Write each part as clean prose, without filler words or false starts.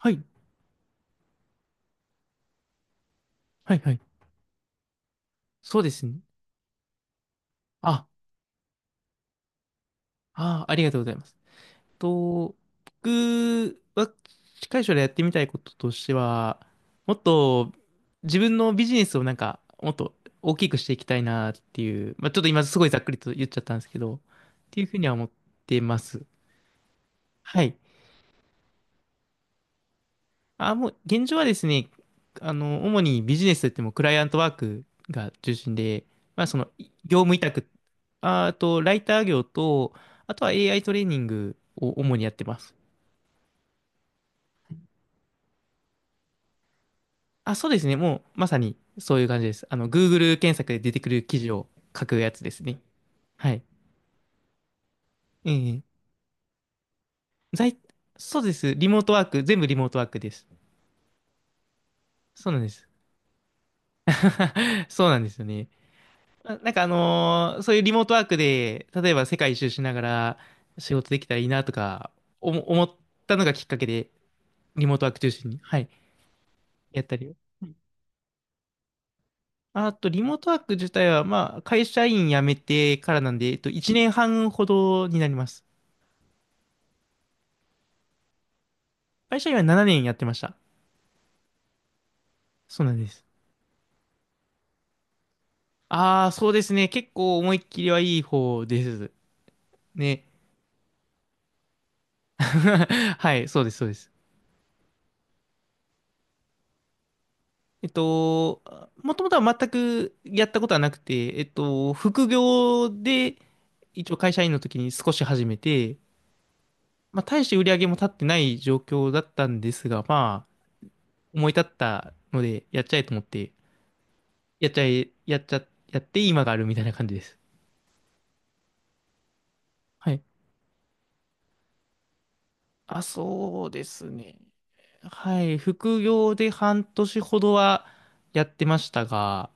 はい。はいはい。そうですね。あ、ありがとうございます。と、僕は近い将来やってみたいこととしては、もっと自分のビジネスをなんか、もっと大きくしていきたいなっていう、まあ、ちょっと今すごいざっくりと言っちゃったんですけど、っていうふうには思ってます。はい。あ、もう、現状はですね、主にビジネスといってもクライアントワークが中心で、まあ、その、業務委託、ああと、ライター業と、あとは AI トレーニングを主にやってます。あ、そうですね。もう、まさにそういう感じです。Google 検索で出てくる記事を書くやつですね。はい。ええ在、そうです。リモートワーク、全部リモートワークです。そうなんです。そうなんですよね。なんか、そういうリモートワークで、例えば世界一周しながら仕事できたらいいなとか、思ったのがきっかけで、リモートワーク中心に、はい、やったりを。あと、リモートワーク自体は、まあ、会社員辞めてからなんで、1年半ほどになります。会社員は7年やってました。そうなんです。ああ、そうですね。結構思いっきりはいい方です。ね。はい、そうです、そうです。えっと、もともとは全くやったことはなくて、副業で一応会社員の時に少し始めて、まあ、大して売り上げも立ってない状況だったんですが、まあ、思い立ったので、やっちゃえと思って、やっちゃえ、やって今があるみたいな感じです。はい。あ、そうですね。はい。副業で半年ほどはやってましたが、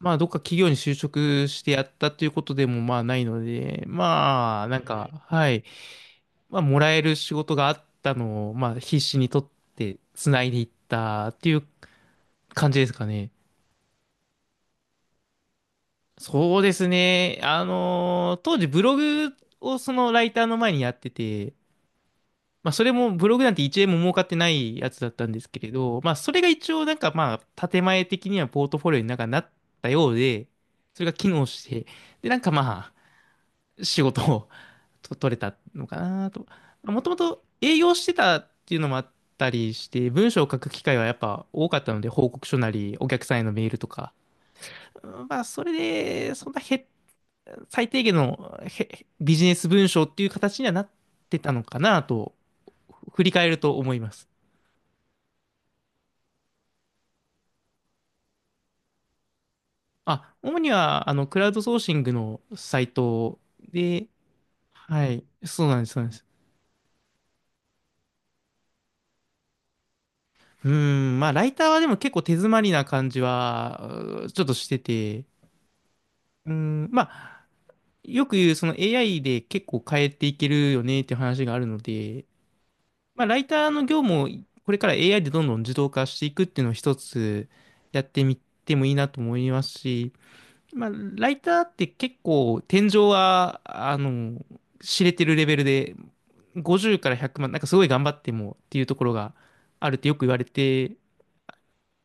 まあ、どっか企業に就職してやったということでもまあないので、まあ、なんか、はい、まあ、もらえる仕事があったのを、まあ、必死に取ってつないでいったっていう感じですかね。そうですね。当時ブログをそのライターの前にやってて、まあ、それもブログなんて1円も儲かってないやつだったんですけれど、まあ、それが一応なんかまあ、建前的にはポートフォリオになんかなったようで、それが機能して、で、なんかまあ、仕事を取れたのかなと。もともと営業してたっていうのもあったりして、文章を書く機会はやっぱ多かったので、報告書なり、お客さんへのメールとか。うんまあ、それで、そんなへ、最低限のビジネス文章っていう形にはなってたのかなと、振り返ると思います。あ、主には、クラウドソーシングのサイトで、はい、そうなんです、そうなんです。うーん、まあ、ライターはでも結構手詰まりな感じは、ちょっとしてて、うーん、まあ、よく言う、その AI で結構変えていけるよねっていう話があるので、まあ、ライターの業務をこれから AI でどんどん自動化していくっていうのを一つやってみてもいいなと思いますし、まあ、ライターって結構天井は、知れてるレベルで、50から100万、なんかすごい頑張ってもっていうところがあるってよく言われて、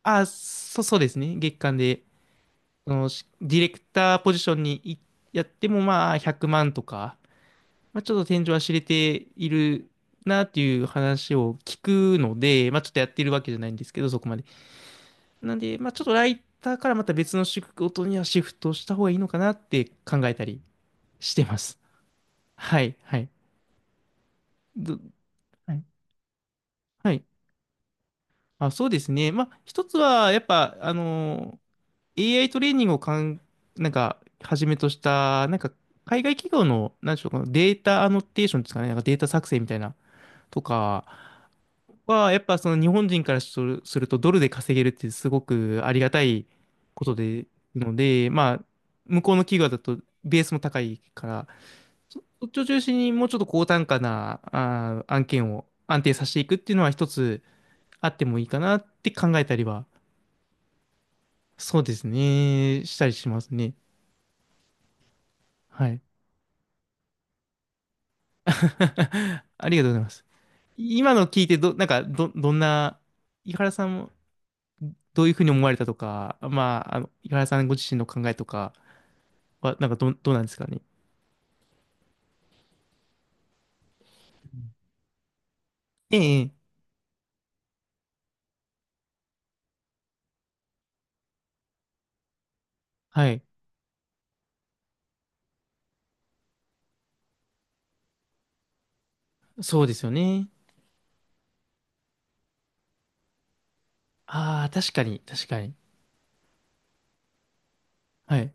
あ、そうですね。月間でそのディレクターポジションにやってもまあ100万とか、まあ、ちょっと天井は知れているなっていう話を聞くので、まあ、ちょっとやってるわけじゃないんですけど、そこまで。なんで、まあ、ちょっとライターからまた別の仕事にはシフトした方がいいのかなって考えたりしてます。はい、はい。どはい、はい。あ、そうですね。まあ、一つは、やっぱ、AI トレーニングをなんか、はじめとした、なんか、海外企業の、なんでしょう、このデータアノテーションですかね、なんかデータ作成みたいな、とかは、やっぱその日本人からすると、ドルで稼げるってすごくありがたいことで、ので、まあ、向こうの企業だと、ベースも高いから、そっちを中心にもうちょっと高単価な、案件を安定させていくっていうのは一つあってもいいかなって考えたりは、そうですね、したりしますね。はい。ありがとうございます。今の聞いてなんか、どんな、井原さんもどういうふうに思われたとか、まあ、井原さんご自身の考えとかは、なんかどうなんですかね。ええ、ええ、はい。そうですよね。ああ、確かに、確かに。はい。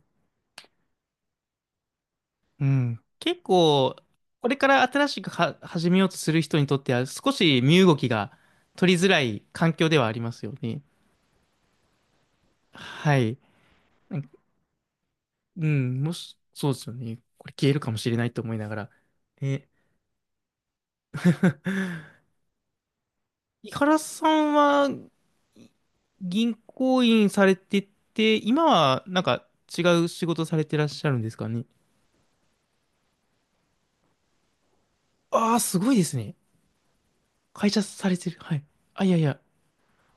うん。結構、これから新しくは始めようとする人にとっては、少し身動きが取りづらい環境ではありますよね。はい。なんかうん、もし、そうですよね。これ消えるかもしれないと思いながら。ね。 井原さんはい銀行員されてて、今はなんか違う仕事されてらっしゃるんですかね。ああ、すごいですね。会社されてる。はい。あ、いやいや。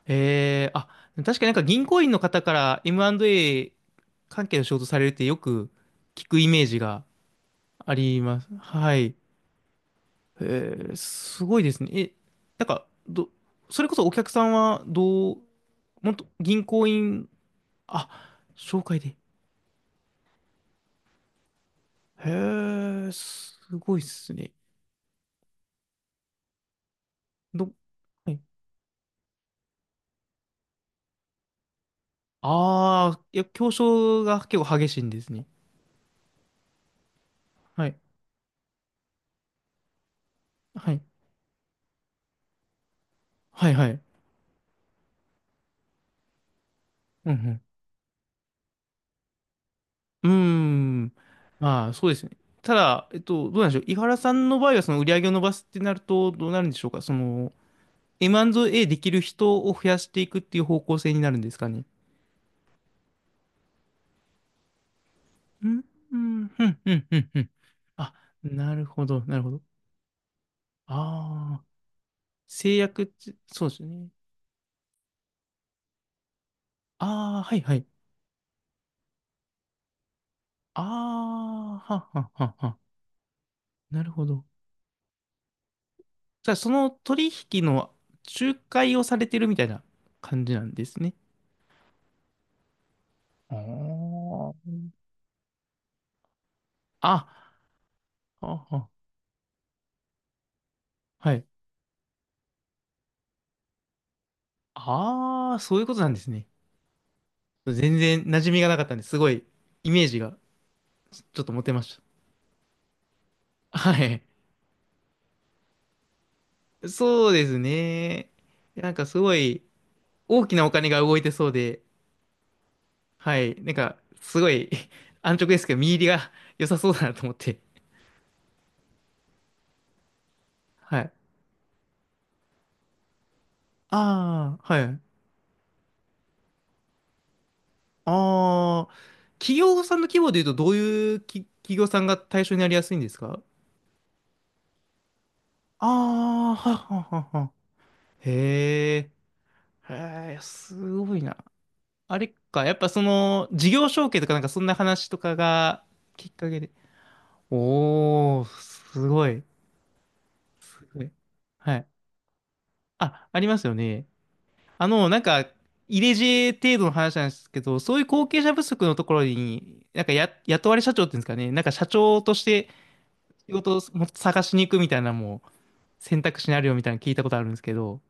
あ、確かになんか銀行員の方から M&A 関係の仕事されるってよく聞くイメージがあります。はい。えすごいですね。え、なんか、それこそお客さんはどう、もっと銀行員、あ、紹介で。へえ、すごいっすね。ど、はい。ああ、いや、競争が結構激しいんですね。はい。はい。はい、はい。うん、うん。うーん。まあ、そうですね。ただ、どうなんでしょう。井原さんの場合は、その売り上げを伸ばすってなると、どうなるんでしょうか。その、M&A できる人を増やしていくっていう方向性になるんですかね。うん、うん、うん、うん、うん。うん、あ、なるほど、なるほど。ああ、制約って、そうですよね。ああ、はい、はい。ああ、はっはっはっは。なるほど。じゃあ、その取引の仲介をされてるみたいな感じなんですね。あーあ、あ、あ、はい。ああ、そういうことなんですね。全然馴染みがなかったんですごいイメージがちょっと持てました。はい。そうですね。なんかすごい大きなお金が動いてそうで、はい。なんかすごい 安直ですけど、見入りが良さそうだなと思って。はい。ああ、はい。ああ、企業さんの規模で言うと、どういう企業さんが対象になりやすいんですか？ああー、はっはっはっは。へえ、へえ、すごいな。あれか、やっぱその、事業承継とかなんかそんな話とかがきっかけで。おー、すごい。すごい、はい。あ、ありますよね。なんか、入れ知恵程度の話なんですけど、そういう後継者不足のところに、なんか雇われ社長っていうんですかね、なんか社長として、仕事をもっと探しに行くみたいなのも選択肢にあるよみたいなの聞いたことあるんですけど、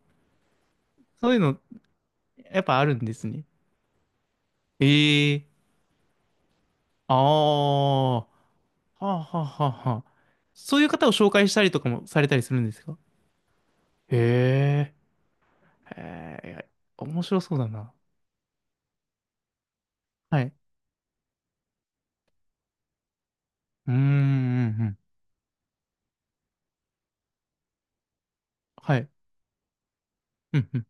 そういうのやっぱあるんですね。ええ、ああ、はあはあはあはあ。そういう方を紹介したりとかもされたりするんですか？へえ、へえ、面白そうだな。はい。うーん、うんうん、はい。うんうん。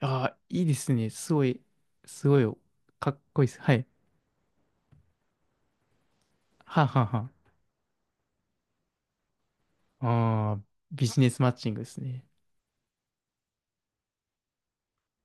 ああ、いいですね。すごい、すごい、かっこいいです。はい。はあはあはあ。ああ、ビジネスマッチングですね。